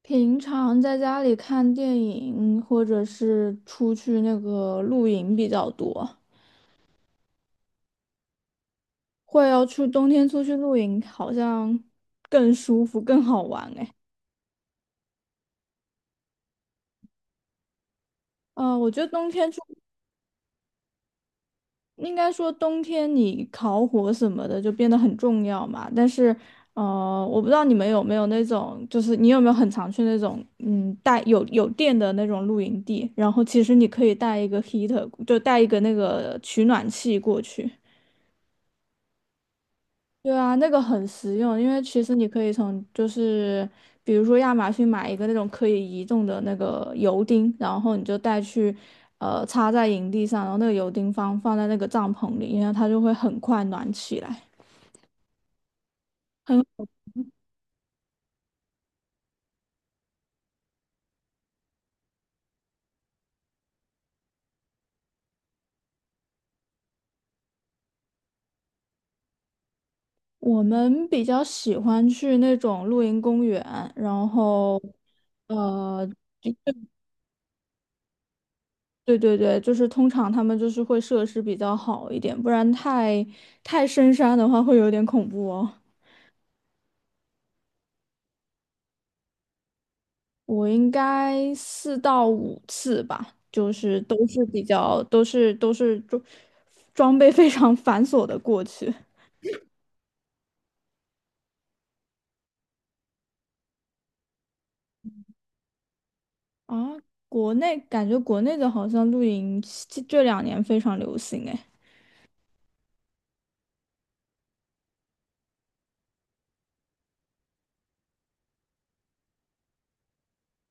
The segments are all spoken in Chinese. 平常在家里看电影，或者是出去那个露营比较多。会要去冬天出去露营，好像更舒服、更好玩哎。我觉得冬天出，应该说冬天你烤火什么的就变得很重要嘛。但是，我不知道你们有没有那种，就是你有没有很常去那种，带有电的那种露营地，然后其实你可以带一个 heater，就带一个那个取暖器过去。对啊，那个很实用，因为其实你可以从就是比如说亚马逊买一个那种可以移动的那个油钉，然后你就带去插在营地上，然后那个油钉放在那个帐篷里，因为它就会很快暖起来。很，我们比较喜欢去那种露营公园，然后呃，对对对，就是通常他们就是会设施比较好一点，不然太深山的话会有点恐怖哦。我应该4到5次吧，就是都是比较都是装备非常繁琐的过去啊。国内感觉国内的好像露营这两年非常流行哎。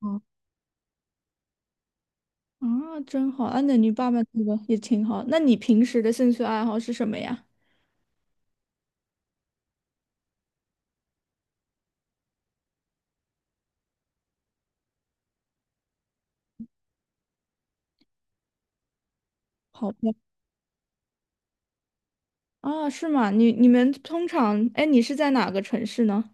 哦，啊，真好！啊，那你爸爸那个也挺好。那你平时的兴趣爱好是什么呀？好的。啊，是吗？你们通常，哎，你是在哪个城市呢？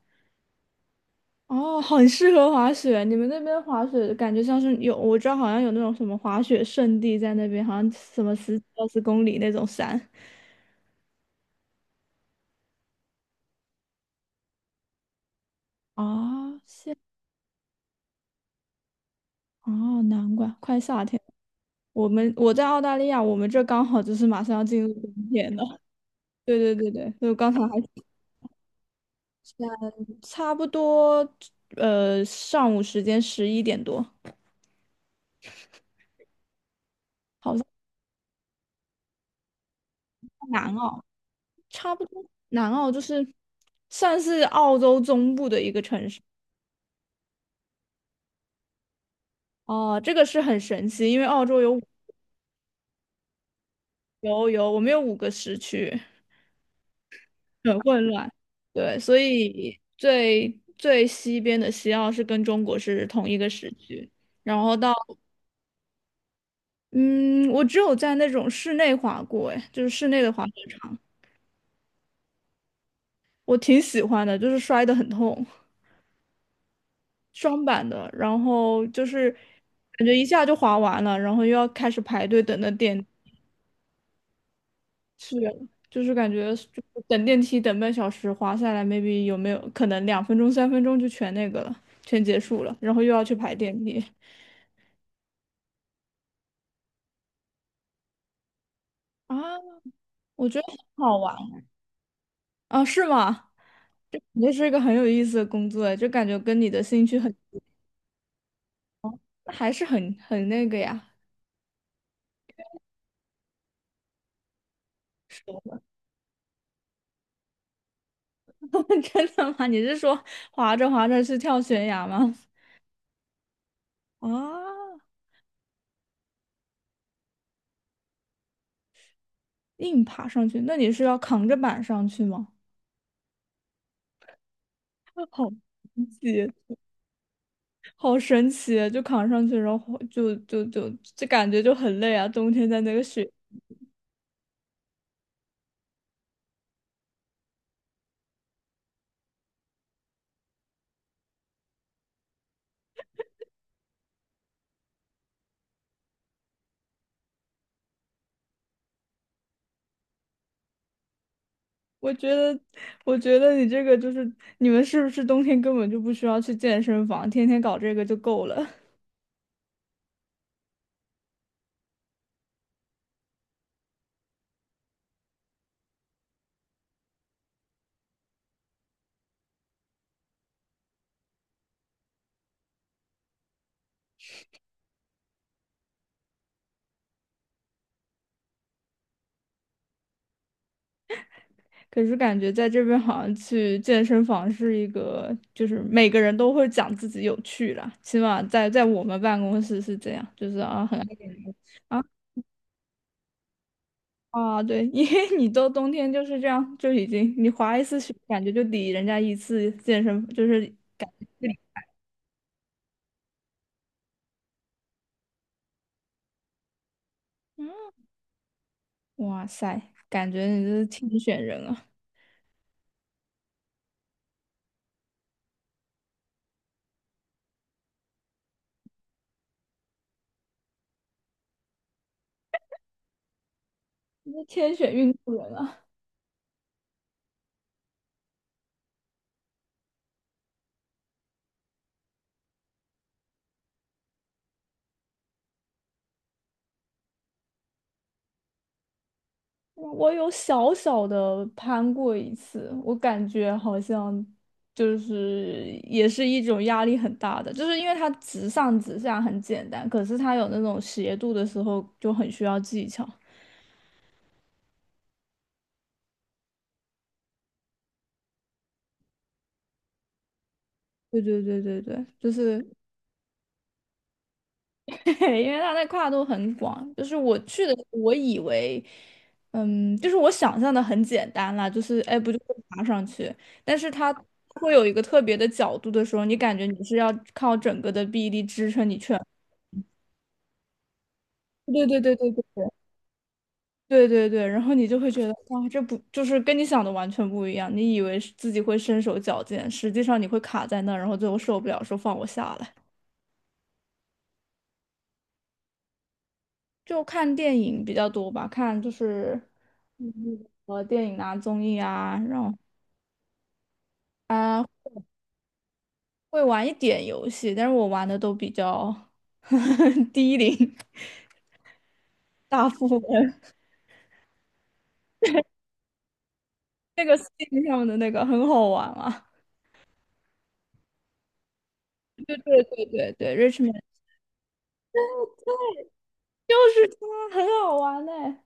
哦，很适合滑雪。你们那边滑雪感觉像是有，我知道好像有那种什么滑雪圣地在那边，好像什么十几二十公里那种山。啊。是哦，难怪快夏天了。我在澳大利亚，我们这刚好就是马上要进入冬天了。对对对对，就刚才还差不多，上午时间11点多。好像在南澳，差不多。南澳就是算是澳洲中部的一个城市。哦，这个是很神奇，因为澳洲有五有有，我们有五个时区，很混乱。对，所以最最西边的西澳是跟中国是同一个时区，然后到嗯，我只有在那种室内滑过，哎，就是室内的滑雪场。我挺喜欢的，就是摔得很痛。双板的，然后就是感觉一下就滑完了，然后又要开始排队等那点是，就是感觉就等电梯等半小时，滑下来，maybe 有没有可能2分钟、3分钟就全结束了，然后又要去排电梯啊？我觉得很好玩啊，是吗？这肯定是一个很有意思的工作哎，就感觉跟你的兴趣很，还是很那个呀。是吗？ 真的吗？你是说滑着滑着去跳悬崖吗？啊，硬爬上去？那你是要扛着板上去吗？好神奇！好神奇，就扛上去，然后就感觉就很累啊，冬天在那个雪。我觉得，我觉得你这个就是你们是不是冬天根本就不需要去健身房，天天搞这个就够了。可是感觉在这边好像去健身房是一个，就是每个人都会讲自己有趣啦，起码在我们办公室是这样，就是啊很啊啊对，因为你到冬天就是这样，就已经你滑一次雪，感觉就抵人家一次健身，就是。哇塞，感觉你这是天选人啊，你是天选运动员啊！我有小小的攀过一次，我感觉好像就是也是一种压力很大的，就是因为它直上直下很简单，可是它有那种斜度的时候就很需要技巧。对对对对对，就是。 对，因为它的跨度很广，就是我去的时候，我以为，就是我想象的很简单啦，就是哎，不就是爬上去，但是它会有一个特别的角度的时候，你感觉你是要靠整个的臂力支撑你去，对对对对对对对对对，然后你就会觉得哇，这不就是跟你想的完全不一样，你以为是自己会身手矫健，实际上你会卡在那儿，然后最后受不了，说放我下来。就看电影比较多吧，看就是电影啊、综艺啊，然后啊、会玩一点游戏，但是我玩的都比较 低龄。大富翁，那个 Steam 上面的那个很好玩啊。对对对对对，Richmond 就是它，很好玩哎、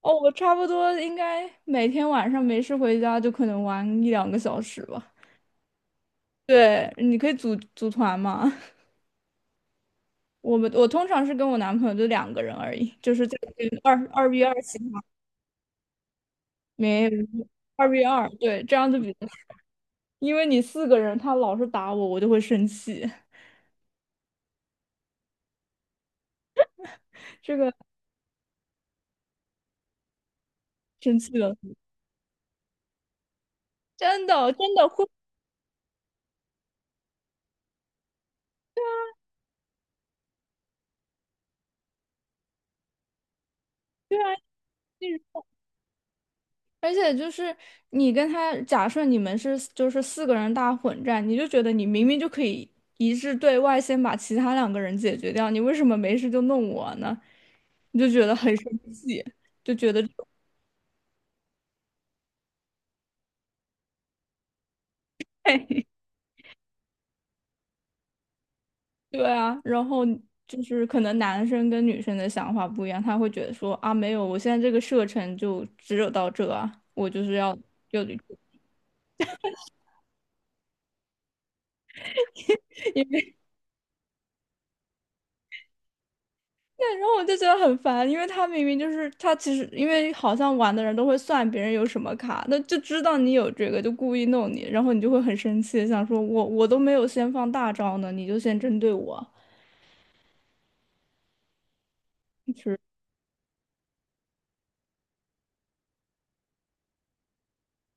哦，我差不多应该每天晚上没事回家就可能玩一两个小时吧。对，你可以组团嘛。我通常是跟我男朋友就两个人而已，就是在二 v 二情况，没二 v 二，对，这样就比较，因为你四个人，他老是打我，我就会生气，这个生气了，真的真的会，对啊，就是而且就是你跟他，假设你们是就是四个人大混战，你就觉得你明明就可以一致对外，先把其他两个人解决掉，你为什么没事就弄我呢？你就觉得很生气，就觉得。对啊，然后就是可能男生跟女生的想法不一样，他会觉得说啊，没有，我现在这个射程就只有到这啊，我就是要就，对，然后我就觉得很烦，因为他明明就是他其实因为好像玩的人都会算别人有什么卡，那就知道你有这个，就故意弄你，然后你就会很生气，想说我都没有先放大招呢，你就先针对我。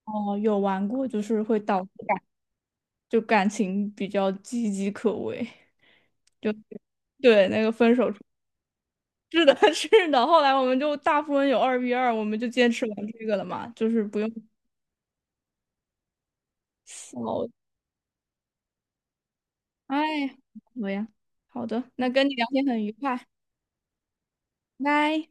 哦，有玩过，就是会导致感情比较岌岌可危，就对那个分手。是的，是的。后来我们就大富翁有二 v 二，我们就坚持玩这个了嘛，就是不用扫。哎呀，好呀，好的，那跟你聊天很愉快，拜。